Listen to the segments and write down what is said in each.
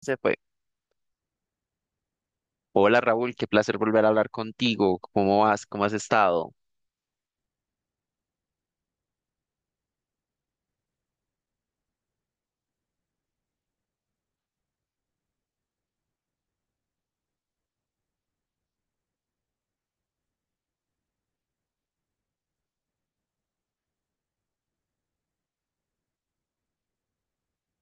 Se fue. Hola Raúl, qué placer volver a hablar contigo. ¿Cómo vas? ¿Cómo has estado?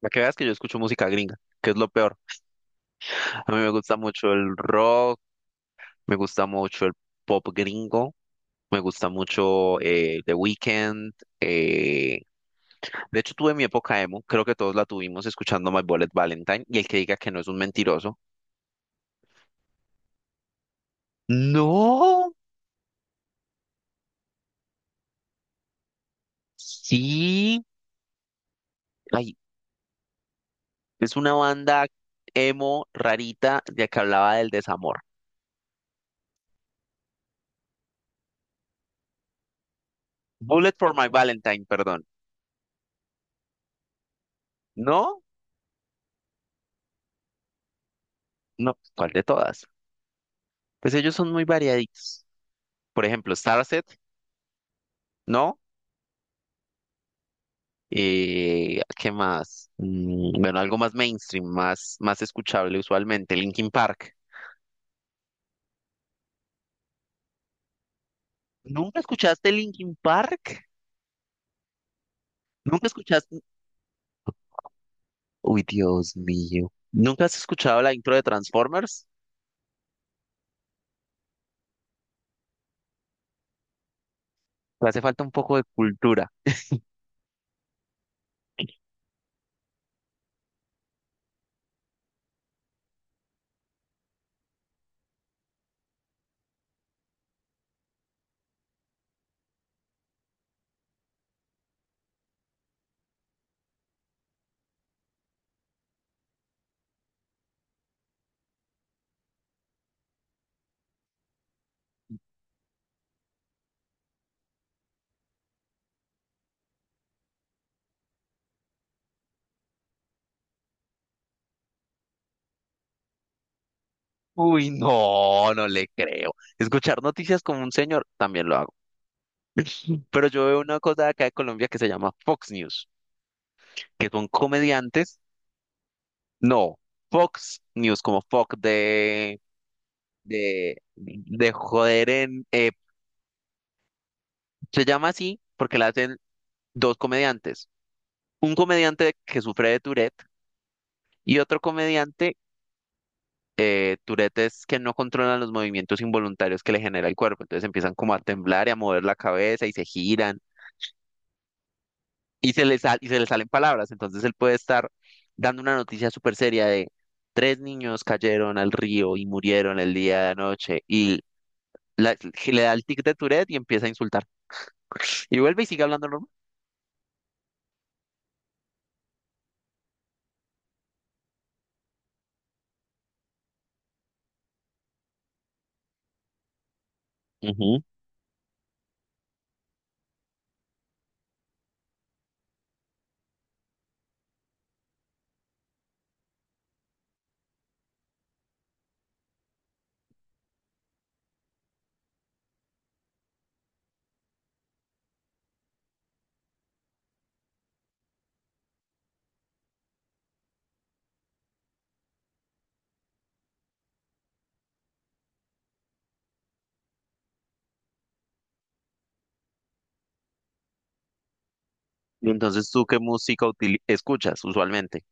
Para que veas que yo escucho música gringa, que es lo peor. A mí me gusta mucho el rock, me gusta mucho el pop gringo, me gusta mucho The Weeknd. Eh, De hecho, tuve mi época emo, creo que todos la tuvimos escuchando My Bullet Valentine, y el que diga que no es un mentiroso. No, sí. Ay, es una banda emo rarita de que hablaba del desamor. Bullet for My Valentine, perdón. No, no, ¿cuál de todas? Pues ellos son muy variaditos. Por ejemplo, Starset, ¿no? ¿Qué más? Bueno, algo más mainstream, más, más escuchable usualmente, Linkin Park. ¿Nunca escuchaste Linkin Park? ¿Nunca escuchaste? Uy, Dios mío. ¿Nunca has escuchado la intro de Transformers? Te hace falta un poco de cultura. Uy, no, no le creo. Escuchar noticias como un señor, también lo hago. Pero yo veo una cosa de acá de Colombia que se llama Fox News, que son comediantes. No, Fox News, como Fox de, de joder en, se llama así porque la hacen dos comediantes, un comediante que sufre de Tourette y otro comediante. Eh, Tourette es que no controlan los movimientos involuntarios que le genera el cuerpo, entonces empiezan como a temblar y a mover la cabeza y se giran y se les, y se les salen palabras, entonces él puede estar dando una noticia súper seria de… Tres niños cayeron al río y murieron el día de anoche y la- le da el tic de Tourette y empieza a insultar. Y vuelve y sigue hablando normal. Ujú. Y entonces, ¿tú qué música escuchas usualmente?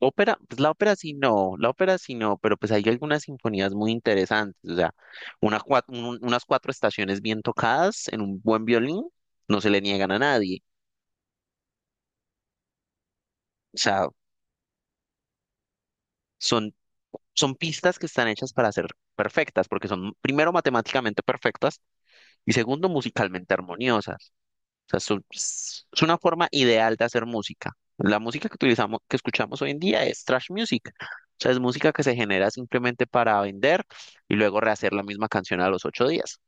Ópera, pues la ópera sí no, la ópera sí no, pero pues hay algunas sinfonías muy interesantes. O sea, unas cuatro estaciones bien tocadas en un buen violín no se le niegan a nadie. O sea, son, son pistas que están hechas para ser perfectas, porque son primero matemáticamente perfectas y segundo musicalmente armoniosas. Sea, es, es una forma ideal de hacer música. La música que utilizamos, que escuchamos hoy en día es trash music. O sea, es música que se genera simplemente para vender y luego rehacer la misma canción a los ocho días.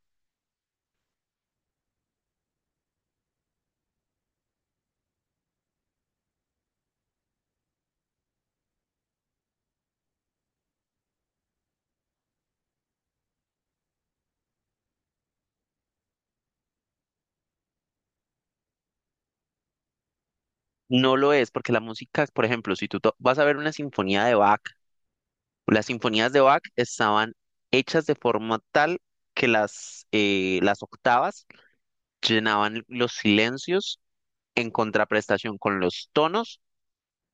No lo es, porque la música, por ejemplo, si vas a ver una sinfonía de Bach, las sinfonías de Bach estaban hechas de forma tal que las octavas llenaban los silencios en contraprestación con los tonos,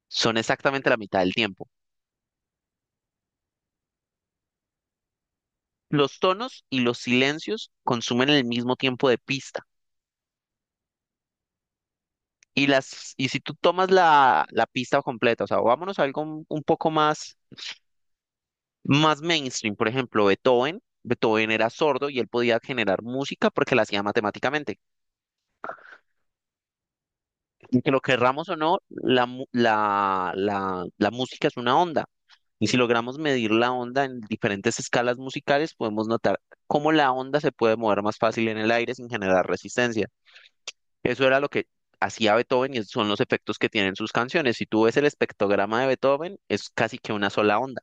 son exactamente la mitad del tiempo. Los tonos y los silencios consumen el mismo tiempo de pista. Y, y si tú tomas la pista completa, o sea, vámonos a algo un poco más, más mainstream, por ejemplo, Beethoven. Beethoven era sordo y él podía generar música porque la hacía matemáticamente. Y que lo querramos o no, la, mu- la música es una onda. Y si logramos medir la onda en diferentes escalas musicales, podemos notar cómo la onda se puede mover más fácil en el aire sin generar resistencia. Eso era lo que hacía Beethoven y esos son los efectos que tienen sus canciones. Si tú ves el espectrograma de Beethoven, es casi que una sola onda.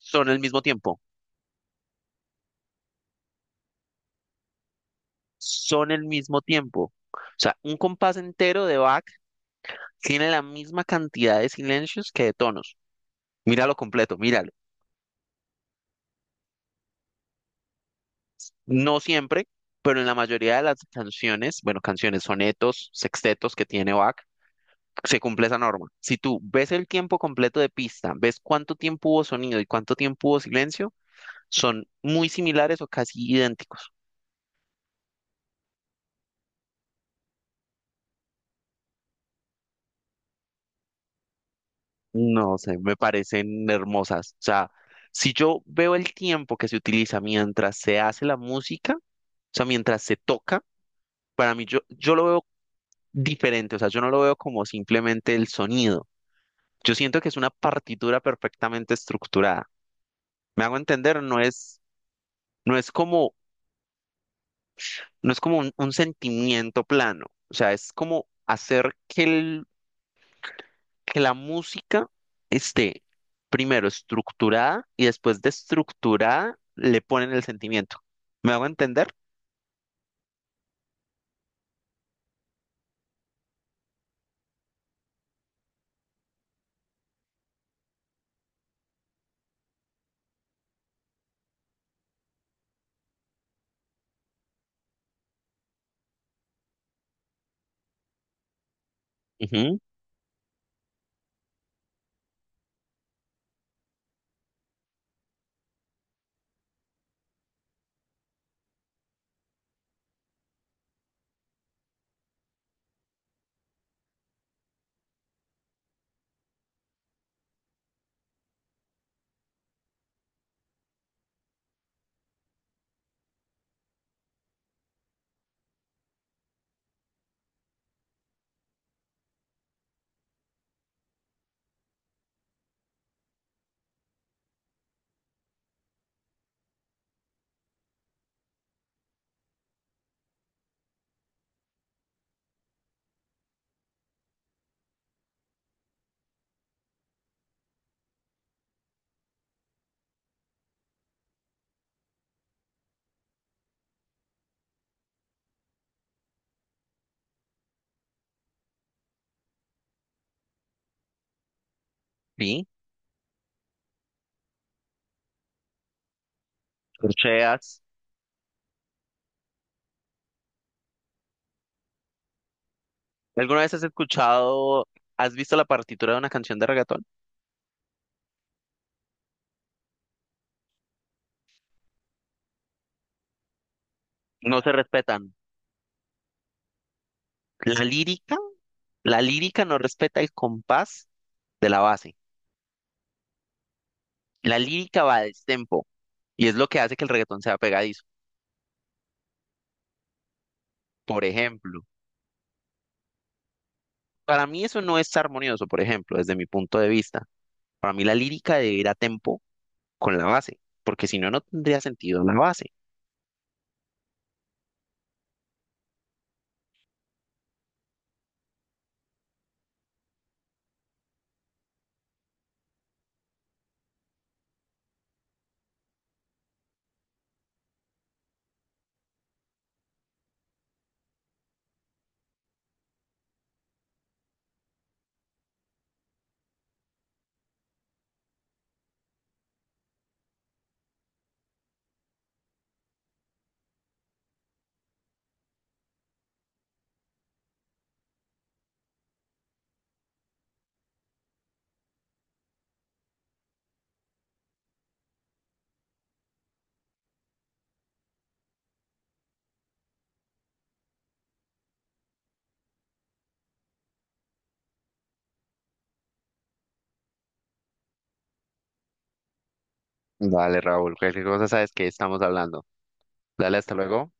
Son el mismo tiempo, son el mismo tiempo. O sea, un compás entero de Bach tiene la misma cantidad de silencios que de tonos. Míralo completo, míralo. No siempre, pero en la mayoría de las canciones, bueno, canciones, sonetos, sextetos que tiene Bach, se cumple esa norma. Si tú ves el tiempo completo de pista, ves cuánto tiempo hubo sonido y cuánto tiempo hubo silencio, son muy similares o casi idénticos. No sé, me parecen hermosas. O sea, si yo veo el tiempo que se utiliza mientras se hace la música, o sea, mientras se toca, para mí yo, yo lo veo diferente. O sea, yo no lo veo como simplemente el sonido. Yo siento que es una partitura perfectamente estructurada. ¿Me hago entender? No es, no es como, no es como un sentimiento plano. O sea, es como hacer que el que la música esté primero estructurada y después de estructurada le ponen el sentimiento. ¿Me hago entender? Ujú, sí, corcheas. ¿Alguna vez has escuchado, has visto la partitura de una canción de reggaetón? No se respetan. La lírica, la lírica no respeta el compás de la base. La lírica va a destempo y es lo que hace que el reggaetón sea pegadizo. Por ejemplo, para mí eso no es armonioso, por ejemplo, desde mi punto de vista. Para mí la lírica debe ir a tempo con la base, porque si no, no tendría sentido la base. Dale, Raúl, cualquier cosa sabes que estamos hablando. Dale, hasta luego.